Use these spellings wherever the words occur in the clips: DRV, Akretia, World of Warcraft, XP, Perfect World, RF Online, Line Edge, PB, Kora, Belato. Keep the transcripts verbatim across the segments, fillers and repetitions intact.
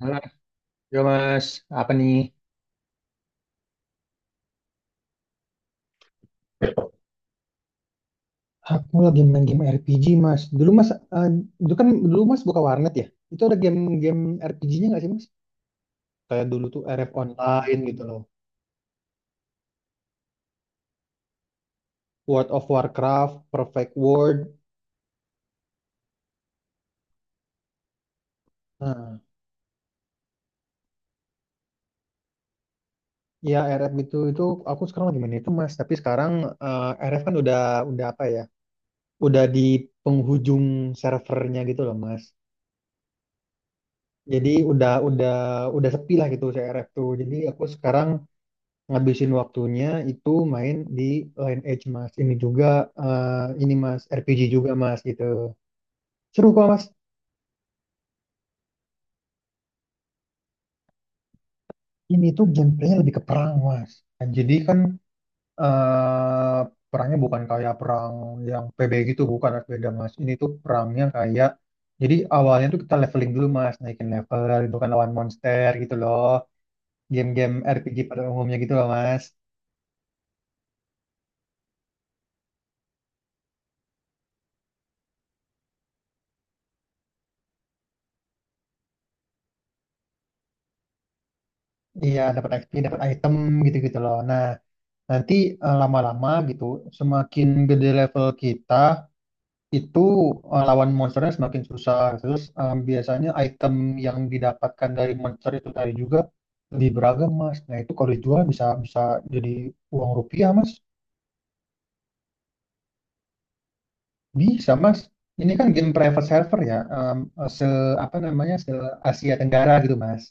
Halo, yo Mas, apa nih? Aku lagi main game R P G, Mas. Dulu Mas, eh, itu kan dulu Mas buka warnet ya. Itu ada game-game R P G-nya nggak sih, Mas? Kayak dulu tuh R F Online gitu loh. World of Warcraft, Perfect World. Nah, ya R F itu itu aku sekarang lagi main itu, Mas. Tapi sekarang eh, R F kan udah udah apa ya? Udah di penghujung servernya gitu loh, Mas. Jadi udah udah udah sepi lah gitu si R F tuh. Jadi aku sekarang ngabisin waktunya itu main di Line Edge mas, ini juga eh, ini mas R P G juga mas gitu, seru kok mas. Ini tuh gameplaynya lebih ke perang mas. Nah, jadi kan eh, perangnya bukan kayak perang yang P B gitu, bukan mas, beda mas. Ini tuh perangnya kayak, jadi awalnya tuh kita leveling dulu mas, naikin level, itu kan lawan monster gitu loh, game-game R P G pada umumnya gitu loh mas. Iya, dapat X P, dapat item gitu-gitu loh. Nah, nanti eh, lama-lama gitu, semakin gede level kita, itu eh, lawan monsternya semakin susah. Terus eh, biasanya item yang didapatkan dari monster itu tadi juga lebih beragam, Mas. Nah, itu kalau dijual bisa bisa jadi uang rupiah, Mas. Bisa, Mas. Ini kan game private server ya, em, eh, se apa namanya, se Asia Tenggara gitu, Mas.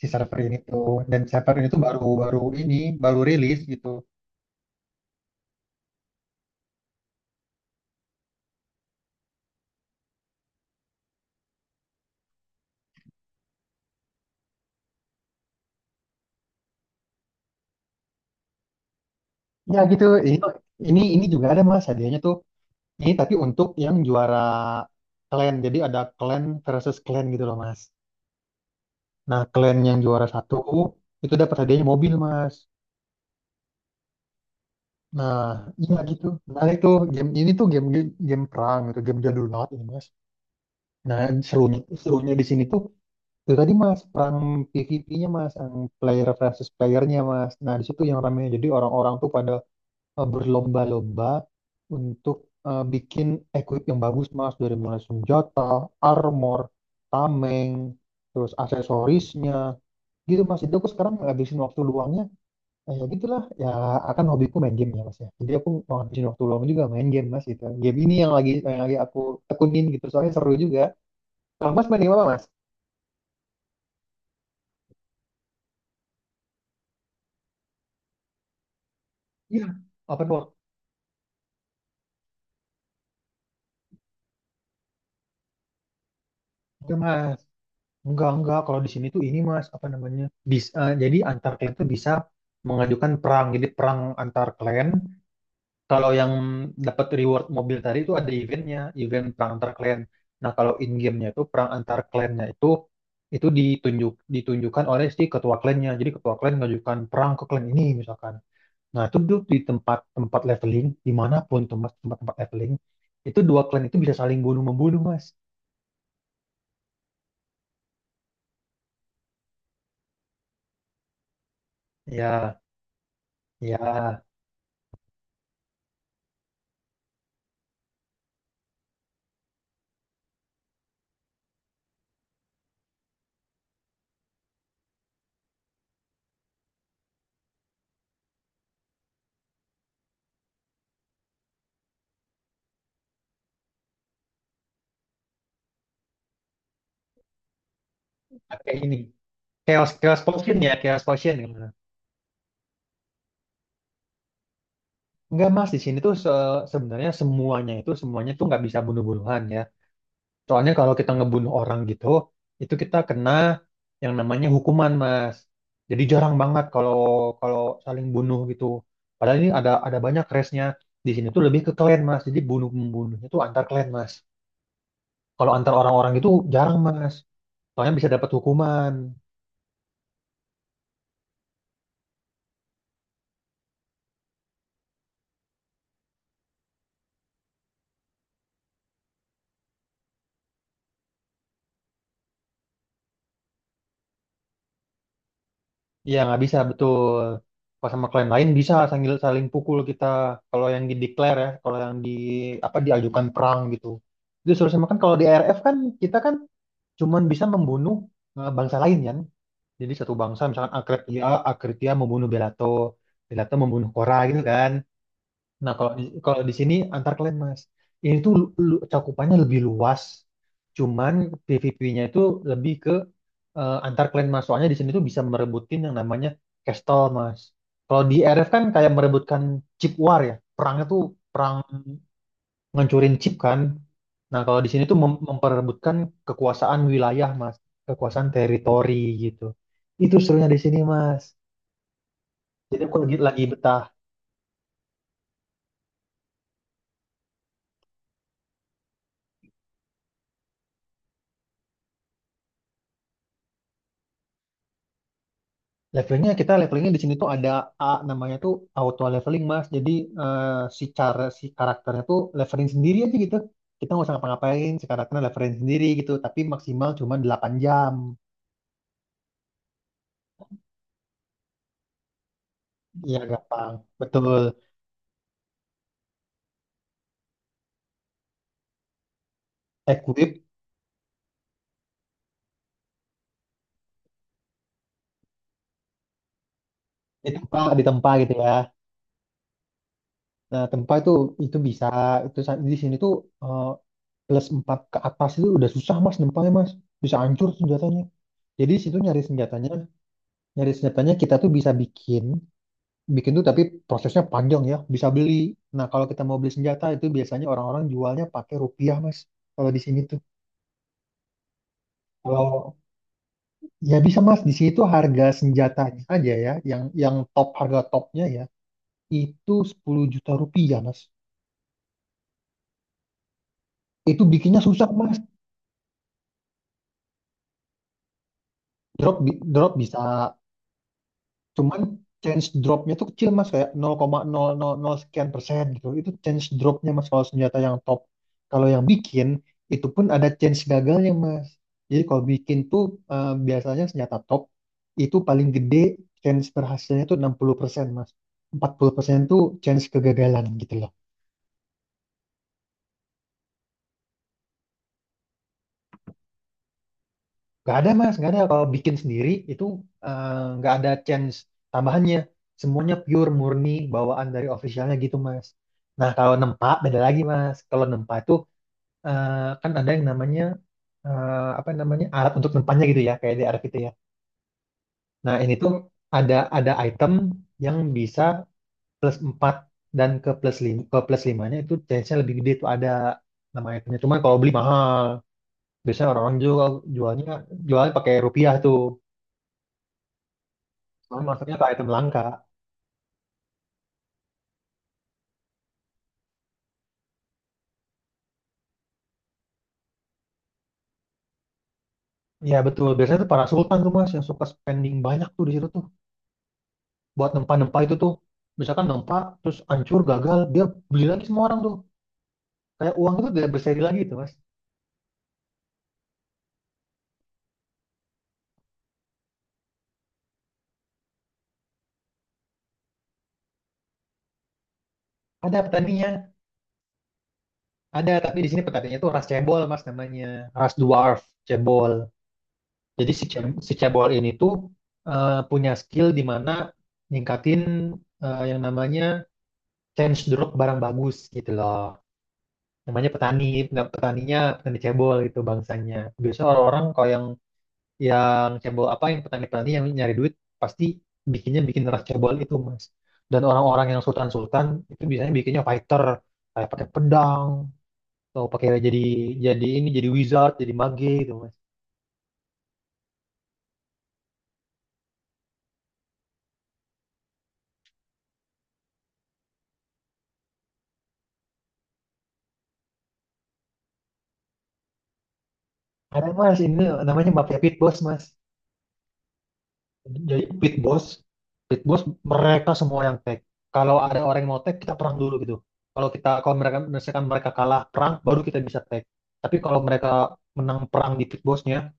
Si server ini tuh, dan server ini tuh baru baru ini baru rilis gitu. Ya gitu. Ini ini ini juga ada Mas hadiahnya tuh. Ini tapi untuk yang juara clan, jadi ada clan versus clan gitu loh mas. Nah clan yang juara satu itu dapat hadiahnya mobil mas. Nah iya gitu. Nah itu game ini tuh game game, game perang gitu, game jadul banget ini mas. Nah serunya serunya di sini tuh itu tadi mas, perang P v P-nya mas, yang player versus playernya mas. Nah di situ yang rame, jadi orang-orang tuh pada eh, berlomba-lomba untuk eh, bikin equip yang bagus Mas, dari mulai senjata, armor, tameng, terus aksesorisnya gitu Mas. Jadi aku sekarang ngabisin waktu luangnya eh, ya gitulah ya, akan hobiku main game ya Mas ya. Jadi aku mau ngabisin waktu luang juga main game Mas gitu. Game ini yang lagi yang lagi aku tekunin gitu, soalnya seru juga. Kalau Mas main game apa Mas? Iya, open world. Itu, Mas. Enggak, enggak. Kalau di sini tuh ini Mas, apa namanya? Bis, eh, jadi antar klan tuh bisa mengajukan perang. Jadi perang antar klan. Kalau yang dapat reward mobil tadi itu ada eventnya, event perang antar klan. Nah, kalau in game-nya itu perang antar klannya itu, itu ditunjuk ditunjukkan oleh si ketua klannya. Jadi ketua klan mengajukan perang ke klan ini misalkan. Nah, itu tuh di tempat-tempat leveling, dimanapun tempat- tempat-tempat leveling, itu dua klan itu bisa saling bunuh membunuh Mas. Ya, ya, kayak ini. Chaos chaos potion ya, chaos potion ya. Enggak mas, di sini tuh se- sebenarnya semuanya itu semuanya tuh nggak bisa bunuh-bunuhan ya. Soalnya kalau kita ngebunuh orang gitu, itu kita kena yang namanya hukuman mas. Jadi jarang banget kalau kalau saling bunuh gitu. Padahal ini ada ada banyak race-nya. Di sini tuh lebih ke clan mas. Jadi bunuh membunuhnya tuh antar clan mas. Kalau antar orang-orang itu jarang mas. Soalnya bisa dapat hukuman. Iya nggak bisa, betul. Kalau sama klien lain bisa sambil saling pukul kita. Kalau yang di declare ya, kalau yang di apa, diajukan perang gitu. Itu suruh sama, kan kalau di R F kan kita kan cuman bisa membunuh eh, bangsa lain kan. Jadi satu bangsa misalkan Akretia, Akretia membunuh Belato, Belato membunuh Kora gitu kan. Nah kalau di, kalau di sini antar klien mas, ini tuh lu- lu- cakupannya lebih luas. Cuman P V P-nya itu lebih ke eh, antar klan mas, soalnya di sini tuh bisa merebutin yang namanya castle mas. Kalau di R F kan kayak merebutkan chip war ya, perangnya tuh perang ngancurin chip kan. Nah kalau di sini tuh mem- memperebutkan kekuasaan wilayah mas, kekuasaan teritori gitu. Itu serunya di sini mas, jadi aku lagi lagi betah. Levelingnya, kita levelingnya di sini tuh ada, A namanya tuh auto leveling mas. Jadi eh, si cara si karakternya tuh leveling sendiri aja gitu. Kita nggak usah ngapa-ngapain, si karakternya leveling sendiri gitu. Tapi maksimal cuma delapan jam. Iya gampang, betul. Equip ditempa ditempa gitu ya. Nah tempa itu itu bisa, itu sa- di sini tuh eh, plus empat ke atas itu udah susah mas nempanya mas. Bisa hancur senjatanya. Jadi di situ nyari senjatanya, nyari senjatanya kita tuh bisa bikin. Bikin tuh tapi prosesnya panjang ya, bisa beli. Nah, kalau kita mau beli senjata itu biasanya orang-orang jualnya pakai rupiah, Mas. Kalau di sini tuh. Kalau ya bisa, Mas, di sini tuh harga senjatanya aja ya, yang yang top harga topnya ya, itu sepuluh juta rupiah, Mas. Itu bikinnya susah, Mas. Drop bi- drop bisa. Cuman chance dropnya tuh kecil mas, kayak nol koma nol nol nol sekian persen gitu. Itu chance dropnya mas kalau senjata yang top. Kalau yang bikin itu pun ada chance gagalnya mas. Jadi kalau bikin tuh eh, biasanya senjata top itu paling gede chance berhasilnya tuh enam puluh persen mas. empat puluh persen tuh chance kegagalan gitu loh. Gak ada mas, gak ada. Kalau bikin sendiri itu eh, nggak ada chance tambahannya. Semuanya pure murni bawaan dari officialnya gitu mas. Nah kalau nempa beda lagi mas. Kalau nempa itu eh, kan ada yang namanya eh, apa namanya, alat untuk nempanya gitu ya, kayak D R V itu ya. Nah ini tuh ada ada item yang bisa plus empat, dan ke plus lima, ke plus lima-nya itu chance-nya lebih gede tuh, ada nama itemnya. Cuman kalau beli mahal. Biasanya orang-orang jual jualnya jualnya pakai rupiah tuh. Cuman masuknya ke item langka. Ya betul, biasanya tuh para sultan tuh mas yang suka spending banyak tuh di situ tuh. Buat nempa-nempa itu tuh. Misalkan nempa, terus hancur, gagal, dia beli lagi, semua orang tuh. Kayak uang itu tidak berseri lagi tuh mas. Ada petaninya, ada, tapi di sini petaninya tuh ras cebol mas namanya. Ras dwarf, cebol. Jadi si, ce- si cebol ini tuh eh, punya skill di mana ningkatin eh, yang namanya change drop barang bagus gitu loh. Namanya petani, nggak, petaninya petani cebol itu bangsanya. Biasanya orang-orang kalau yang yang cebol apa yang petani-petani yang nyari duit pasti bikinnya bikin ras cebol itu mas. Dan orang-orang yang sultan-sultan itu biasanya bikinnya fighter, kayak pakai pedang atau pakai, jadi jadi ini jadi wizard, jadi mage gitu mas. Ada mas, ini namanya mafia pit boss mas. Jadi pit boss, pit boss mereka semua yang tag. Kalau ada orang yang mau tag, kita perang dulu gitu. Kalau kita kalau mereka misalkan mereka kalah perang, baru kita bisa tag. Tapi kalau mereka menang perang di pit bossnya,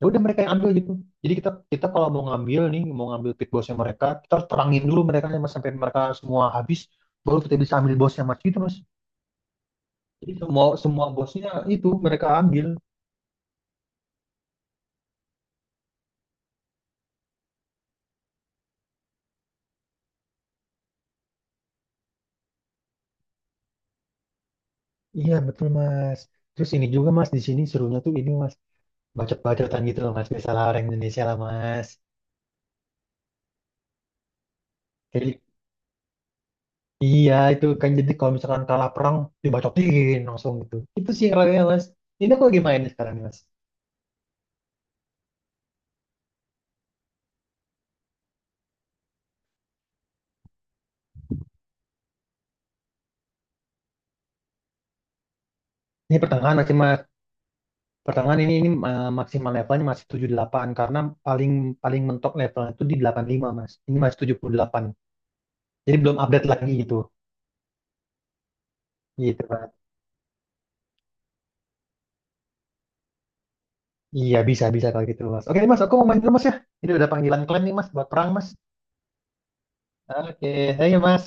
ya udah mereka yang ambil gitu. Jadi kita kita kalau mau ngambil nih, mau ngambil pit bossnya mereka, kita harus perangin dulu mereka nih, Mas, sampai mereka semua habis, baru kita bisa ambil bosnya mas gitu mas. Jadi semua semua bosnya itu mereka ambil. Iya betul mas. Terus ini juga mas, di sini serunya tuh ini mas, bacot-bacotan gitu loh mas, biasalah orang Indonesia lah mas. Jadi iya itu kan, jadi kalau misalkan kalah perang, dibacotin langsung gitu, itu sih yang mas, ini aku lagi main sekarang nih, mas. Ini pertengahan masih ma- pertengahan, ini ini eh, maksimal levelnya masih tujuh puluh delapan, karena paling paling mentok levelnya itu di delapan puluh lima mas, ini masih tujuh puluh delapan, jadi belum update lagi gitu. Gitu mas. Iya bisa, bisa kalau gitu mas. Oke mas, aku mau main dulu mas ya, ini udah panggilan klien nih mas buat perang mas. Oke, ayo mas.